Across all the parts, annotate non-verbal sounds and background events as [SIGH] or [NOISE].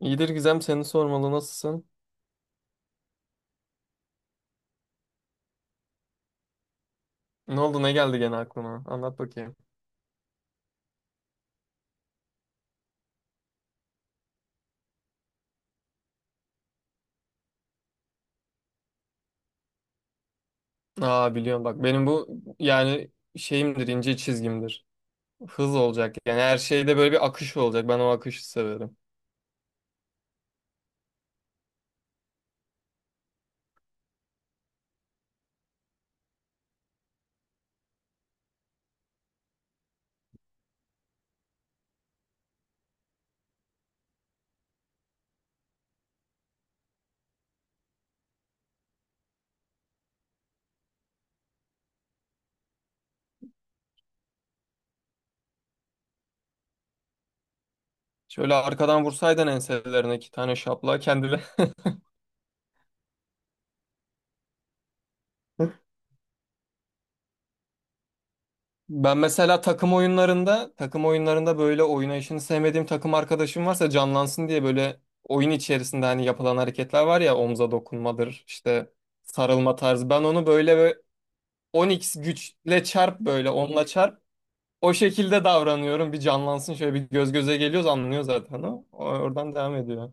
İyidir Gizem, seni sormalı, nasılsın? Ne oldu, ne geldi gene aklına? Anlat bakayım. Aa, biliyorum, bak benim bu yani şeyimdir, ince çizgimdir. Hız olacak, yani her şeyde böyle bir akış olacak, ben o akışı severim. Şöyle arkadan vursaydın enselerine iki tane, şapla kendine. [LAUGHS] Ben mesela takım oyunlarında böyle oynayışını sevmediğim takım arkadaşım varsa canlansın diye, böyle oyun içerisinde hani yapılan hareketler var ya, omza dokunmadır işte, sarılma tarzı, ben onu böyle on x güçle çarp, böyle onla çarp. O şekilde davranıyorum. Bir canlansın. Şöyle bir göz göze geliyoruz, anlıyor zaten o. Oradan devam ediyor.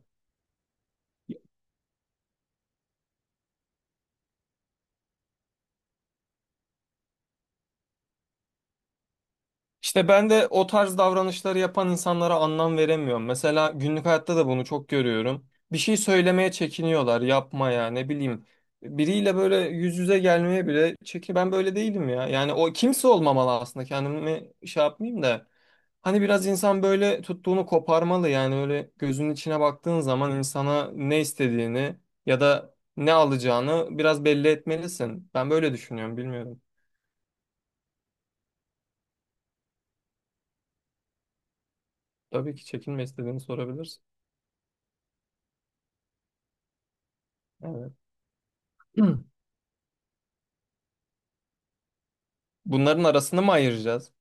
İşte ben de o tarz davranışları yapan insanlara anlam veremiyorum. Mesela günlük hayatta da bunu çok görüyorum. Bir şey söylemeye çekiniyorlar, yapmaya, ne bileyim. Biriyle böyle yüz yüze gelmeye bile ben böyle değilim ya. Yani o kimse olmamalı, aslında kendimi şey yapmayayım da. Hani biraz insan böyle tuttuğunu koparmalı, yani öyle gözünün içine baktığın zaman insana ne istediğini ya da ne alacağını biraz belli etmelisin. Ben böyle düşünüyorum, bilmiyorum. Tabii ki, çekinme, istediğini sorabilirsin. Evet. [CLEARS THROAT] Bunların arasını mı ayıracağız?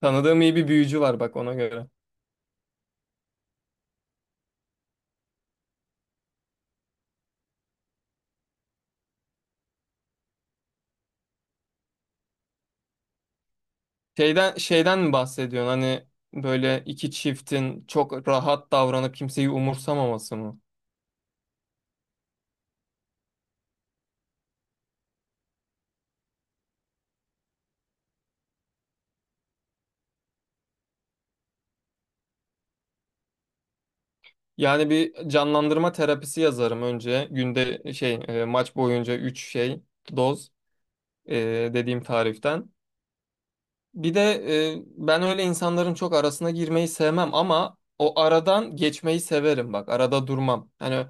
Tanıdığım iyi bir büyücü var, bak ona göre. Şeyden mi bahsediyorsun? Hani böyle iki çiftin çok rahat davranıp kimseyi umursamaması mı? Yani bir canlandırma terapisi yazarım önce. Günde şey, maç boyunca 3 şey, doz, e, dediğim tariften. Bir de ben öyle insanların çok arasına girmeyi sevmem ama o aradan geçmeyi severim bak. Arada durmam. Hani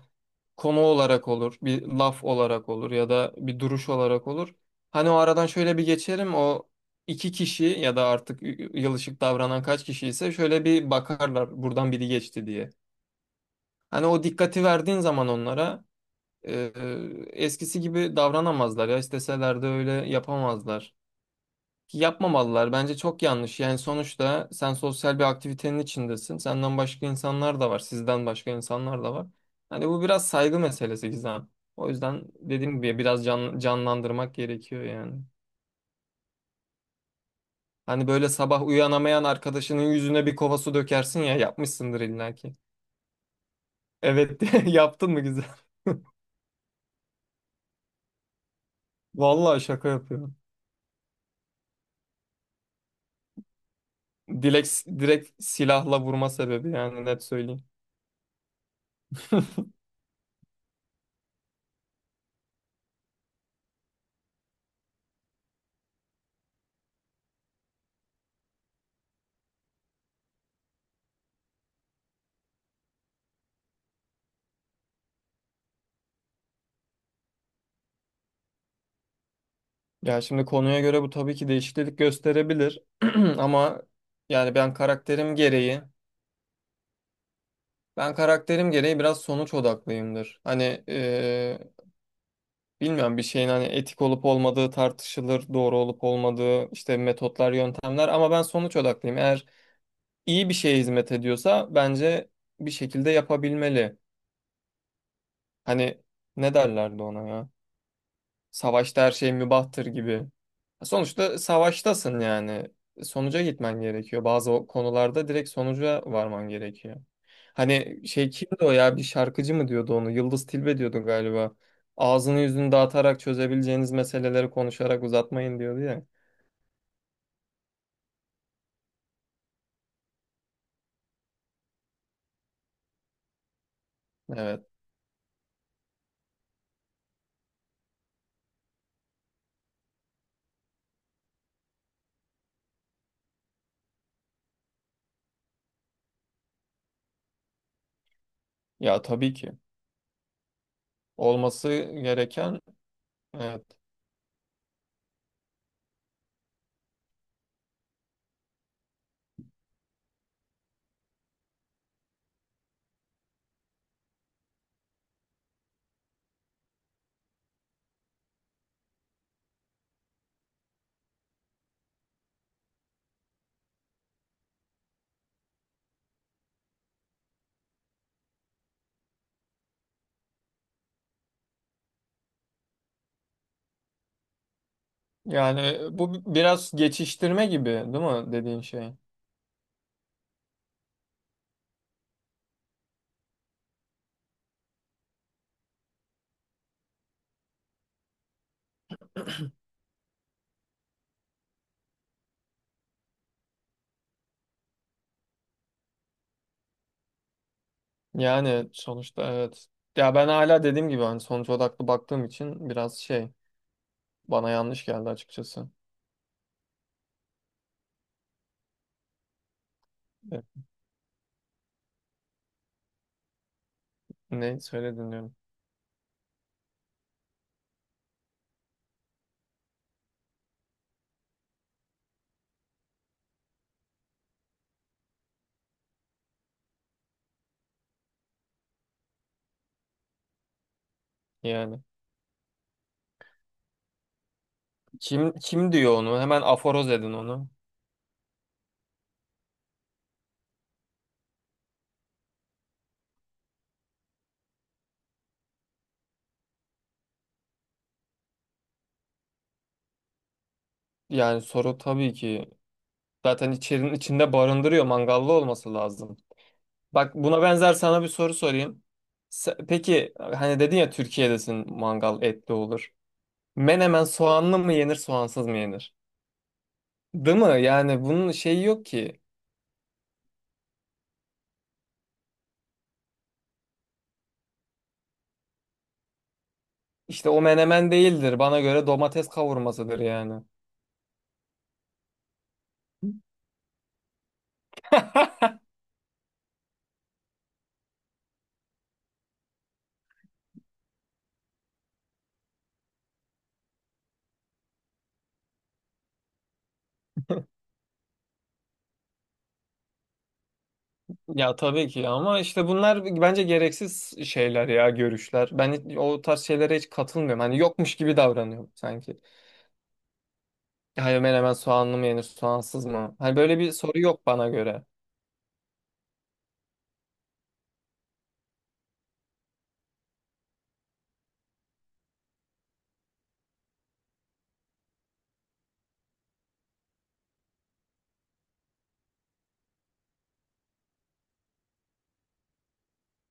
konu olarak olur, bir laf olarak olur ya da bir duruş olarak olur. Hani o aradan şöyle bir geçerim, o iki kişi ya da artık yılışık davranan kaç kişi ise, şöyle bir bakarlar buradan biri geçti diye. Hani o dikkati verdiğin zaman onlara eskisi gibi davranamazlar ya, isteseler de öyle yapamazlar. Yapmamalılar. Bence çok yanlış. Yani sonuçta sen sosyal bir aktivitenin içindesin. Senden başka insanlar da var. Sizden başka insanlar da var. Hani bu biraz saygı meselesi Gizem. O yüzden dediğim gibi biraz canlandırmak gerekiyor yani. Hani böyle sabah uyanamayan arkadaşının yüzüne bir kova su dökersin ya, yapmışsındır illa ki. Evet, [LAUGHS] yaptın mı Gizem? Vallahi şaka yapıyorum. Dilek, direkt silahla vurma sebebi, yani net söyleyeyim. [LAUGHS] Ya şimdi konuya göre bu tabii ki değişiklik gösterebilir, [CLEARS THROAT] ama yani ben karakterim gereği ben karakterim gereği biraz sonuç odaklıyımdır. Hani bilmiyorum, bir şeyin hani etik olup olmadığı tartışılır, doğru olup olmadığı, işte metotlar, yöntemler, ama ben sonuç odaklıyım. Eğer iyi bir şeye hizmet ediyorsa bence bir şekilde yapabilmeli. Hani ne derlerdi ona ya? Savaşta her şey mübahtır gibi. Sonuçta savaştasın yani. Sonuca gitmen gerekiyor. Bazı o konularda direkt sonuca varman gerekiyor. Hani şey kimdi o ya, bir şarkıcı mı diyordu onu? Yıldız Tilbe diyordu galiba. Ağzını yüzünü dağıtarak çözebileceğiniz meseleleri konuşarak uzatmayın diyordu ya. Evet. Ya tabii ki. Olması gereken, evet. Yani bu biraz geçiştirme gibi değil mi dediğin şey? Yani sonuçta evet. Ya ben hala dediğim gibi, hani sonuç odaklı baktığım için biraz şey, bana yanlış geldi açıkçası. Evet. Ne söyledin diyorum. Yani kim diyor onu? Hemen aforoz edin onu. Yani soru tabii ki zaten içerinin içinde barındırıyor. Mangallı olması lazım. Bak buna benzer sana bir soru sorayım. Peki hani dedin ya Türkiye'desin, mangal etli olur. Menemen soğanlı mı yenir, soğansız mı yenir? Değil mi? Yani bunun şeyi yok ki. İşte o menemen değildir. Bana göre domates kavurmasıdır yani. Ya tabii ki, ama işte bunlar bence gereksiz şeyler ya, görüşler. Ben o tarz şeylere hiç katılmıyorum. Hani yokmuş gibi davranıyorum sanki. Hayır, menemen soğanlı mı yenir, soğansız mı? Hani böyle bir soru yok bana göre.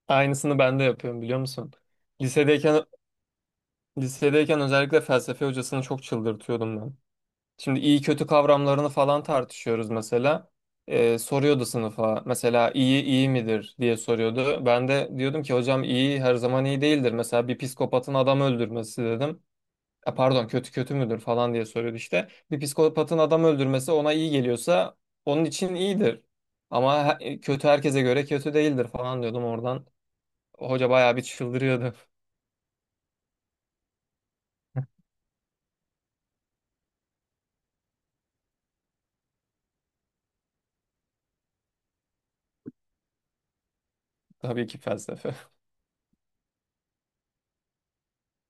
Aynısını ben de yapıyorum biliyor musun? Lisedeyken lisedeyken özellikle felsefe hocasını çok çıldırtıyordum ben. Şimdi iyi kötü kavramlarını falan tartışıyoruz mesela. Soruyordu sınıfa mesela, iyi iyi midir diye soruyordu. Ben de diyordum ki hocam, iyi her zaman iyi değildir. Mesela bir psikopatın adam öldürmesi, dedim. Pardon, kötü kötü müdür falan diye soruyordu işte. Bir psikopatın adam öldürmesi ona iyi geliyorsa onun için iyidir. Ama kötü herkese göre kötü değildir falan diyordum oradan. Hoca bayağı bir çıldırıyordu. [LAUGHS] Tabii ki felsefe.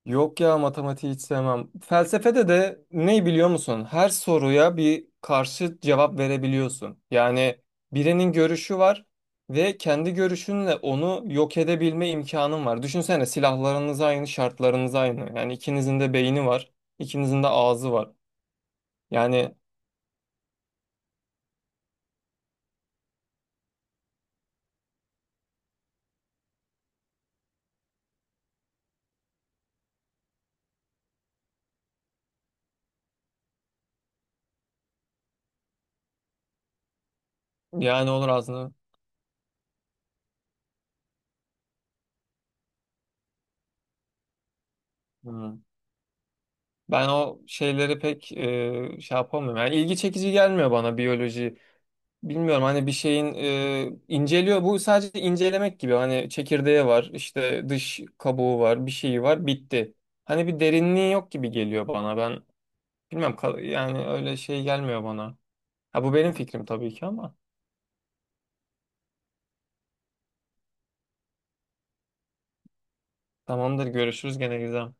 Yok ya, matematiği hiç sevmem. Felsefede de ne, biliyor musun? Her soruya bir karşı cevap verebiliyorsun. Yani birinin görüşü var ve kendi görüşünle onu yok edebilme imkanın var. Düşünsene, silahlarınız aynı, şartlarınız aynı. Yani ikinizin de beyni var, ikinizin de ağzı var. Yani yani olur aslında. Hmm. Ben o şeyleri pek şey yapamıyorum. Yani ilgi çekici gelmiyor bana biyoloji. Bilmiyorum, hani bir şeyin inceliyor. Bu sadece incelemek gibi. Hani çekirdeği var, işte dış kabuğu var, bir şeyi var, bitti. Hani bir derinliği yok gibi geliyor bana. Ben yani öyle şey gelmiyor bana. Ha, bu benim fikrim tabii ki ama. Tamamdır, görüşürüz gene Gizem.